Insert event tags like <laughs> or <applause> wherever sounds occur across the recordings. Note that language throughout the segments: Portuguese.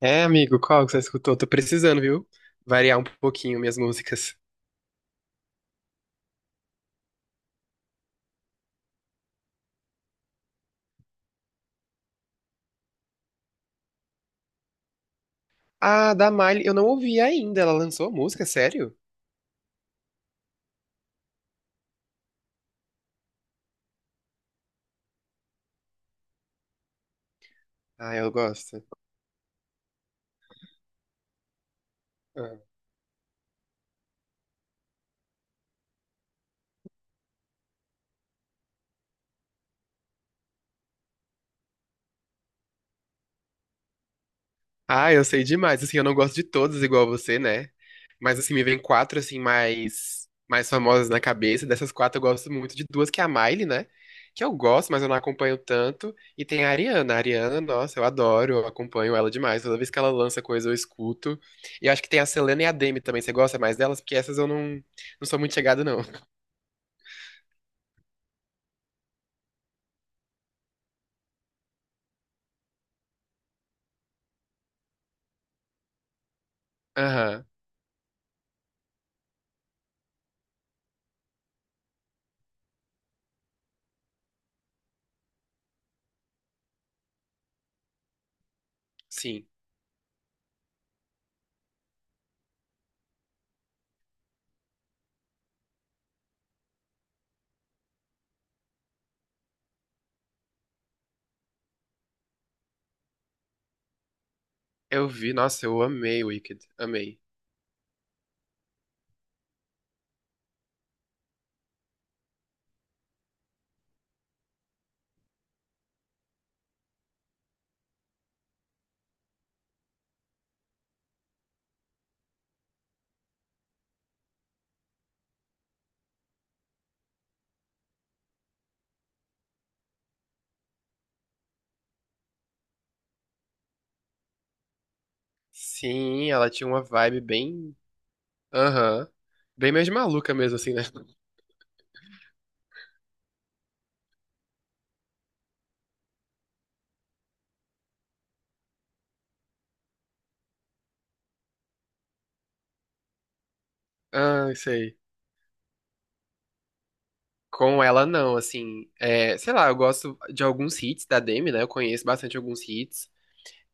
É, amigo, qual que você escutou? Tô precisando, viu? Variar um pouquinho minhas músicas. Ah, da Miley, eu não ouvi ainda. Ela lançou a música, sério? Ah, eu gosto. Ah, Ah, eu sei demais. Assim, eu não gosto de todas igual você, né? Mas assim, me vem quatro assim mais famosas na cabeça. Dessas quatro eu gosto muito de duas, que é a Miley, né? Que eu gosto, mas eu não acompanho tanto. E tem a Ariana. A Ariana, nossa, eu adoro, eu acompanho ela demais. Toda vez que ela lança coisa, eu escuto. E eu acho que tem a Selena e a Demi também. Você gosta mais delas? Porque essas eu não sou muito chegado, não. <laughs> Aham, sim. Eu vi, nossa, eu amei Wicked. Amei. Sim, ela tinha uma vibe bem. Aham. Bem mais maluca mesmo, assim, né? <laughs> Ah, sei. Com ela, não, assim, é, sei lá, eu gosto de alguns hits da Demi, né? Eu conheço bastante alguns hits.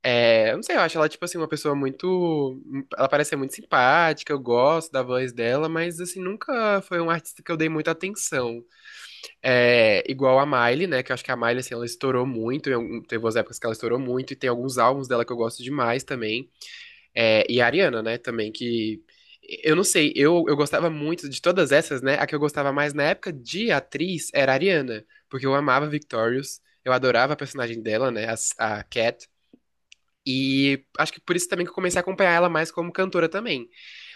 É, eu não sei, eu acho ela, tipo assim, uma pessoa muito. Ela parece ser muito simpática, eu gosto da voz dela, mas, assim, nunca foi um artista que eu dei muita atenção. É, igual a Miley, né? Que eu acho que a Miley, assim, ela estourou muito, em algum- teve umas épocas que ela estourou muito, e tem alguns álbuns dela que eu gosto demais também. É, e a Ariana, né, também, que. Eu não sei, eu gostava muito de todas essas, né? A que eu gostava mais na época de atriz era a Ariana, porque eu amava Victorious, eu adorava a personagem dela, né? A Cat. E acho que por isso também que eu comecei a acompanhar ela mais como cantora também.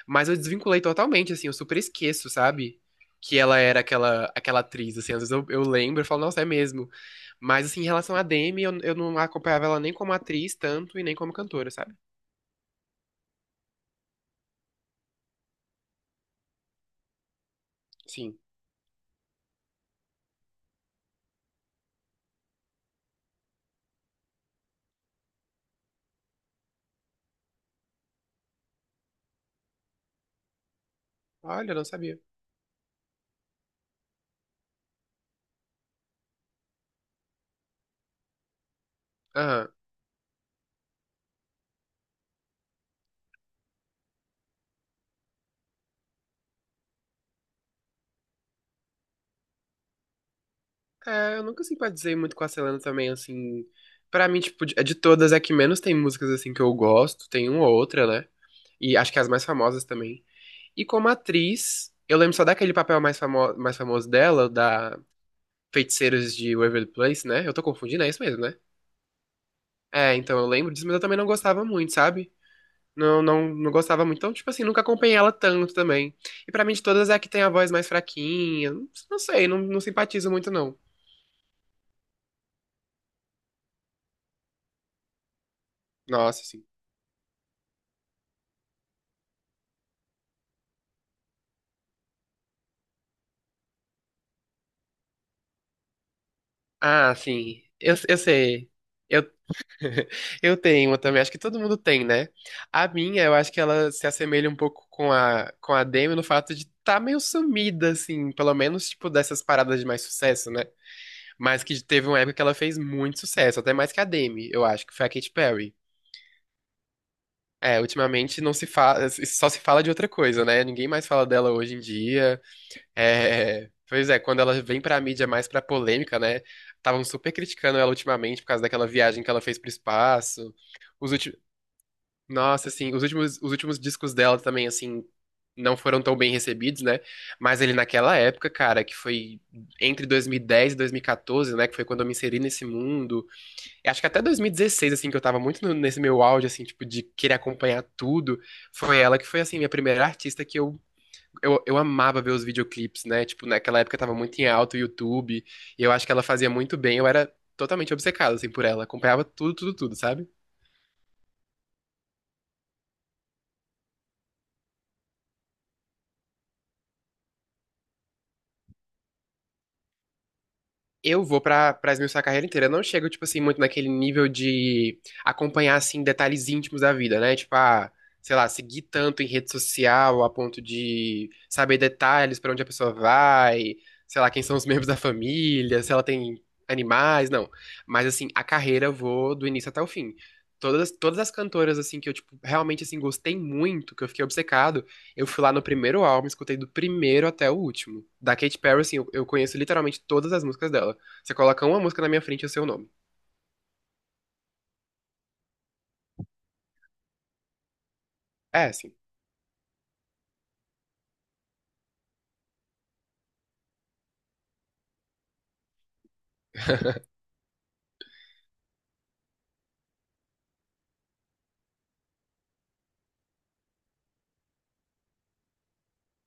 Mas eu desvinculei totalmente, assim, eu super esqueço, sabe? Que ela era aquela atriz, assim, às vezes eu lembro e falo, nossa, é mesmo. Mas, assim, em relação à Demi, eu não acompanhava ela nem como atriz tanto e nem como cantora, sabe? Sim. Olha, eu não sabia. Aham. É, eu nunca simpatizei muito com a Selena também, assim. Pra mim, tipo, de todas, é que menos tem músicas, assim, que eu gosto. Tem uma ou outra, né? E acho que as mais famosas também. E como atriz, eu lembro só daquele papel mais, famo mais famoso dela, da Feiticeiras de Waverly Place, né? Eu tô confundindo, é isso mesmo, né? É, então eu lembro disso, mas eu também não gostava muito, sabe? Não, não gostava muito. Então, tipo assim, nunca acompanhei ela tanto também. E pra mim, de todas, é a que tem a voz mais fraquinha. Não sei, não, não simpatizo muito, não. Nossa, assim. Ah, sim. Eu sei. Eu, <laughs> eu tenho uma também. Acho que todo mundo tem, né? A minha, eu acho que ela se assemelha um pouco com a Demi no fato de tá meio sumida, assim. Pelo menos, tipo, dessas paradas de mais sucesso, né? Mas que teve uma época que ela fez muito sucesso. Até mais que a Demi, eu acho, que foi a Katy Perry. É, ultimamente não se fala, só se fala de outra coisa, né? Ninguém mais fala dela hoje em dia. É, pois é, quando ela vem pra mídia mais pra polêmica, né? Estavam super criticando ela ultimamente por causa daquela viagem que ela fez pro espaço. Os últimos, nossa, assim, os últimos discos dela também, assim, não foram tão bem recebidos, né? Mas ele naquela época, cara, que foi entre 2010 e 2014, né? Que foi quando eu me inseri nesse mundo. Eu acho que até 2016, assim, que eu tava muito no- nesse meu auge, assim, tipo, de querer acompanhar tudo. Foi ela que foi, assim, minha primeira artista que eu amava ver os videoclipes, né? Tipo, naquela época tava muito em alta o YouTube, e eu acho que ela fazia muito bem, eu era totalmente obcecado, assim, por ela, acompanhava tudo, tudo, tudo, sabe? Eu vou pra esmiuçar a carreira inteira. Eu não chego, tipo assim, muito naquele nível de acompanhar, assim, detalhes íntimos da vida, né? Tipo, ah, sei lá, seguir tanto em rede social a ponto de saber detalhes pra onde a pessoa vai, sei lá, quem são os <laughs> membros da família, se ela tem animais, não. Mas, assim, a carreira eu vou do início até o fim. Todas as cantoras, assim, que eu, tipo, realmente, assim, gostei muito, que eu fiquei obcecado, eu fui lá no primeiro álbum, escutei do primeiro até o último. Da Katy Perry, assim, eu conheço literalmente todas as músicas dela. Você coloca uma música na minha frente e o seu nome. É assim.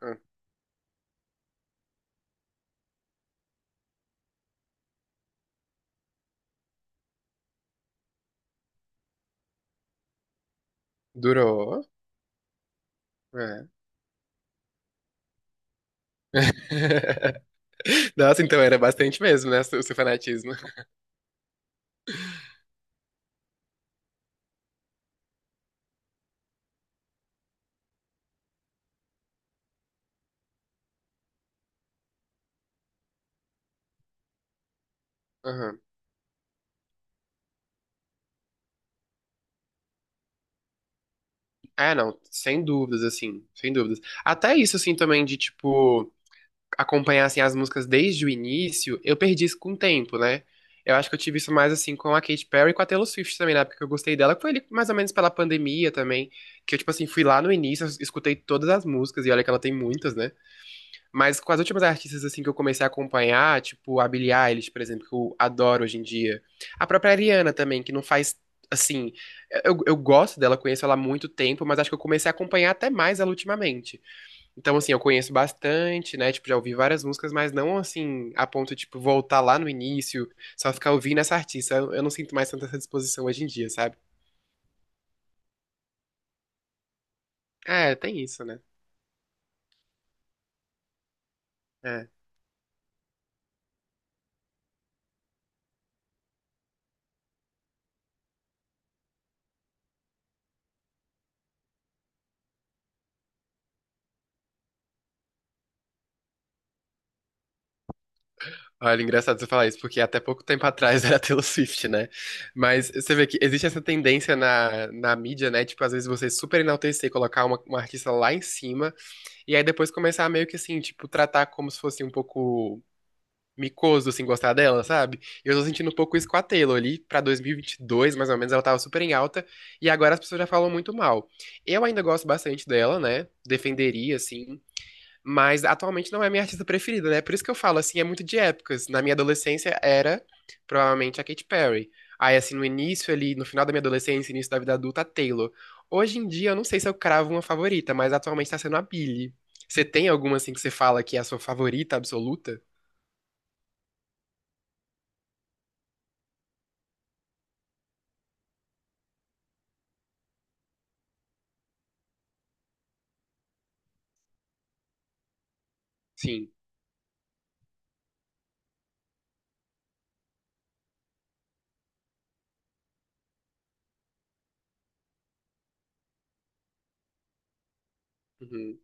<laughs> Durou. É. <laughs> Nossa, então era bastante mesmo, né? O seu fanatismo. Aham. É, não, sem dúvidas, assim, sem dúvidas. Até isso, assim, também de, tipo, acompanhar, assim, as músicas desde o início, eu perdi isso com o tempo, né? Eu acho que eu tive isso mais, assim, com a Katy Perry e com a Taylor Swift também, na época que eu gostei dela, que foi ali mais ou menos pela pandemia também, que eu, tipo assim, fui lá no início, escutei todas as músicas, e olha que ela tem muitas, né? Mas com as últimas artistas assim que eu comecei a acompanhar, tipo a Billie Eilish, por exemplo, que eu adoro hoje em dia. A própria Ariana também, que não faz assim, eu gosto dela, conheço ela há muito tempo, mas acho que eu comecei a acompanhar até mais ela ultimamente. Então assim, eu conheço bastante, né? Tipo, já ouvi várias músicas, mas não assim a ponto de tipo voltar lá no início, só ficar ouvindo essa artista. Eu não sinto mais tanta essa disposição hoje em dia, sabe? É, tem isso, né? É. Olha, engraçado você falar isso, porque até pouco tempo atrás <laughs> era Taylor Swift, né? Mas você vê que existe essa tendência na mídia, né? Tipo, às vezes você super enaltecer, colocar uma artista lá em cima, e aí depois começar meio que assim, tipo, tratar como se fosse um pouco micoso, assim, gostar dela, sabe? Eu tô sentindo um pouco isso com a Taylor ali, pra 2022, mais ou menos, ela tava super em alta, e agora as pessoas já falam muito mal. Eu ainda gosto bastante dela, né? Defenderia, assim, mas atualmente não é a minha artista preferida, né? Por isso que eu falo, assim, é muito de épocas. Na minha adolescência era provavelmente a Katy Perry. Aí, assim, no início ali, no final da minha adolescência, início da vida adulta, a Taylor. Hoje em dia, eu não sei se eu cravo uma favorita, mas atualmente tá sendo a Billie. Você tem alguma, assim, que você fala que é a sua favorita absoluta? Sim. Uhum.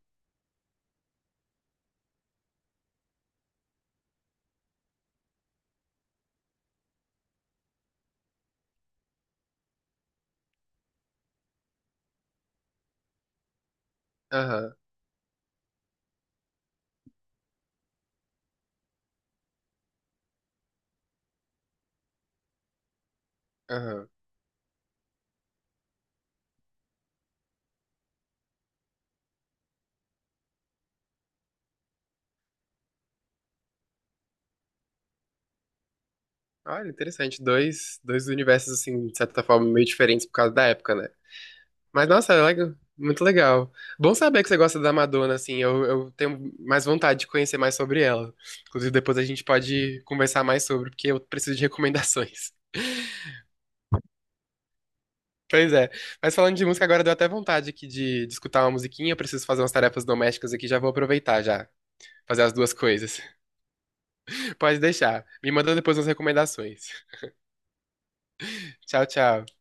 Aham, aham. Olha, interessante. Dois universos, assim, de certa forma, meio diferentes por causa da época, né? Mas, nossa, é legal. Muito legal. Bom saber que você gosta da Madonna, assim. Eu tenho mais vontade de conhecer mais sobre ela. Inclusive, depois a gente pode conversar mais sobre, porque eu preciso de recomendações. <laughs> Pois é. Mas falando de música, agora deu até vontade aqui de escutar uma musiquinha. Eu preciso fazer umas tarefas domésticas aqui, já vou aproveitar já. Fazer as duas coisas. <laughs> Pode deixar. Me manda depois umas recomendações. <laughs> Tchau, tchau.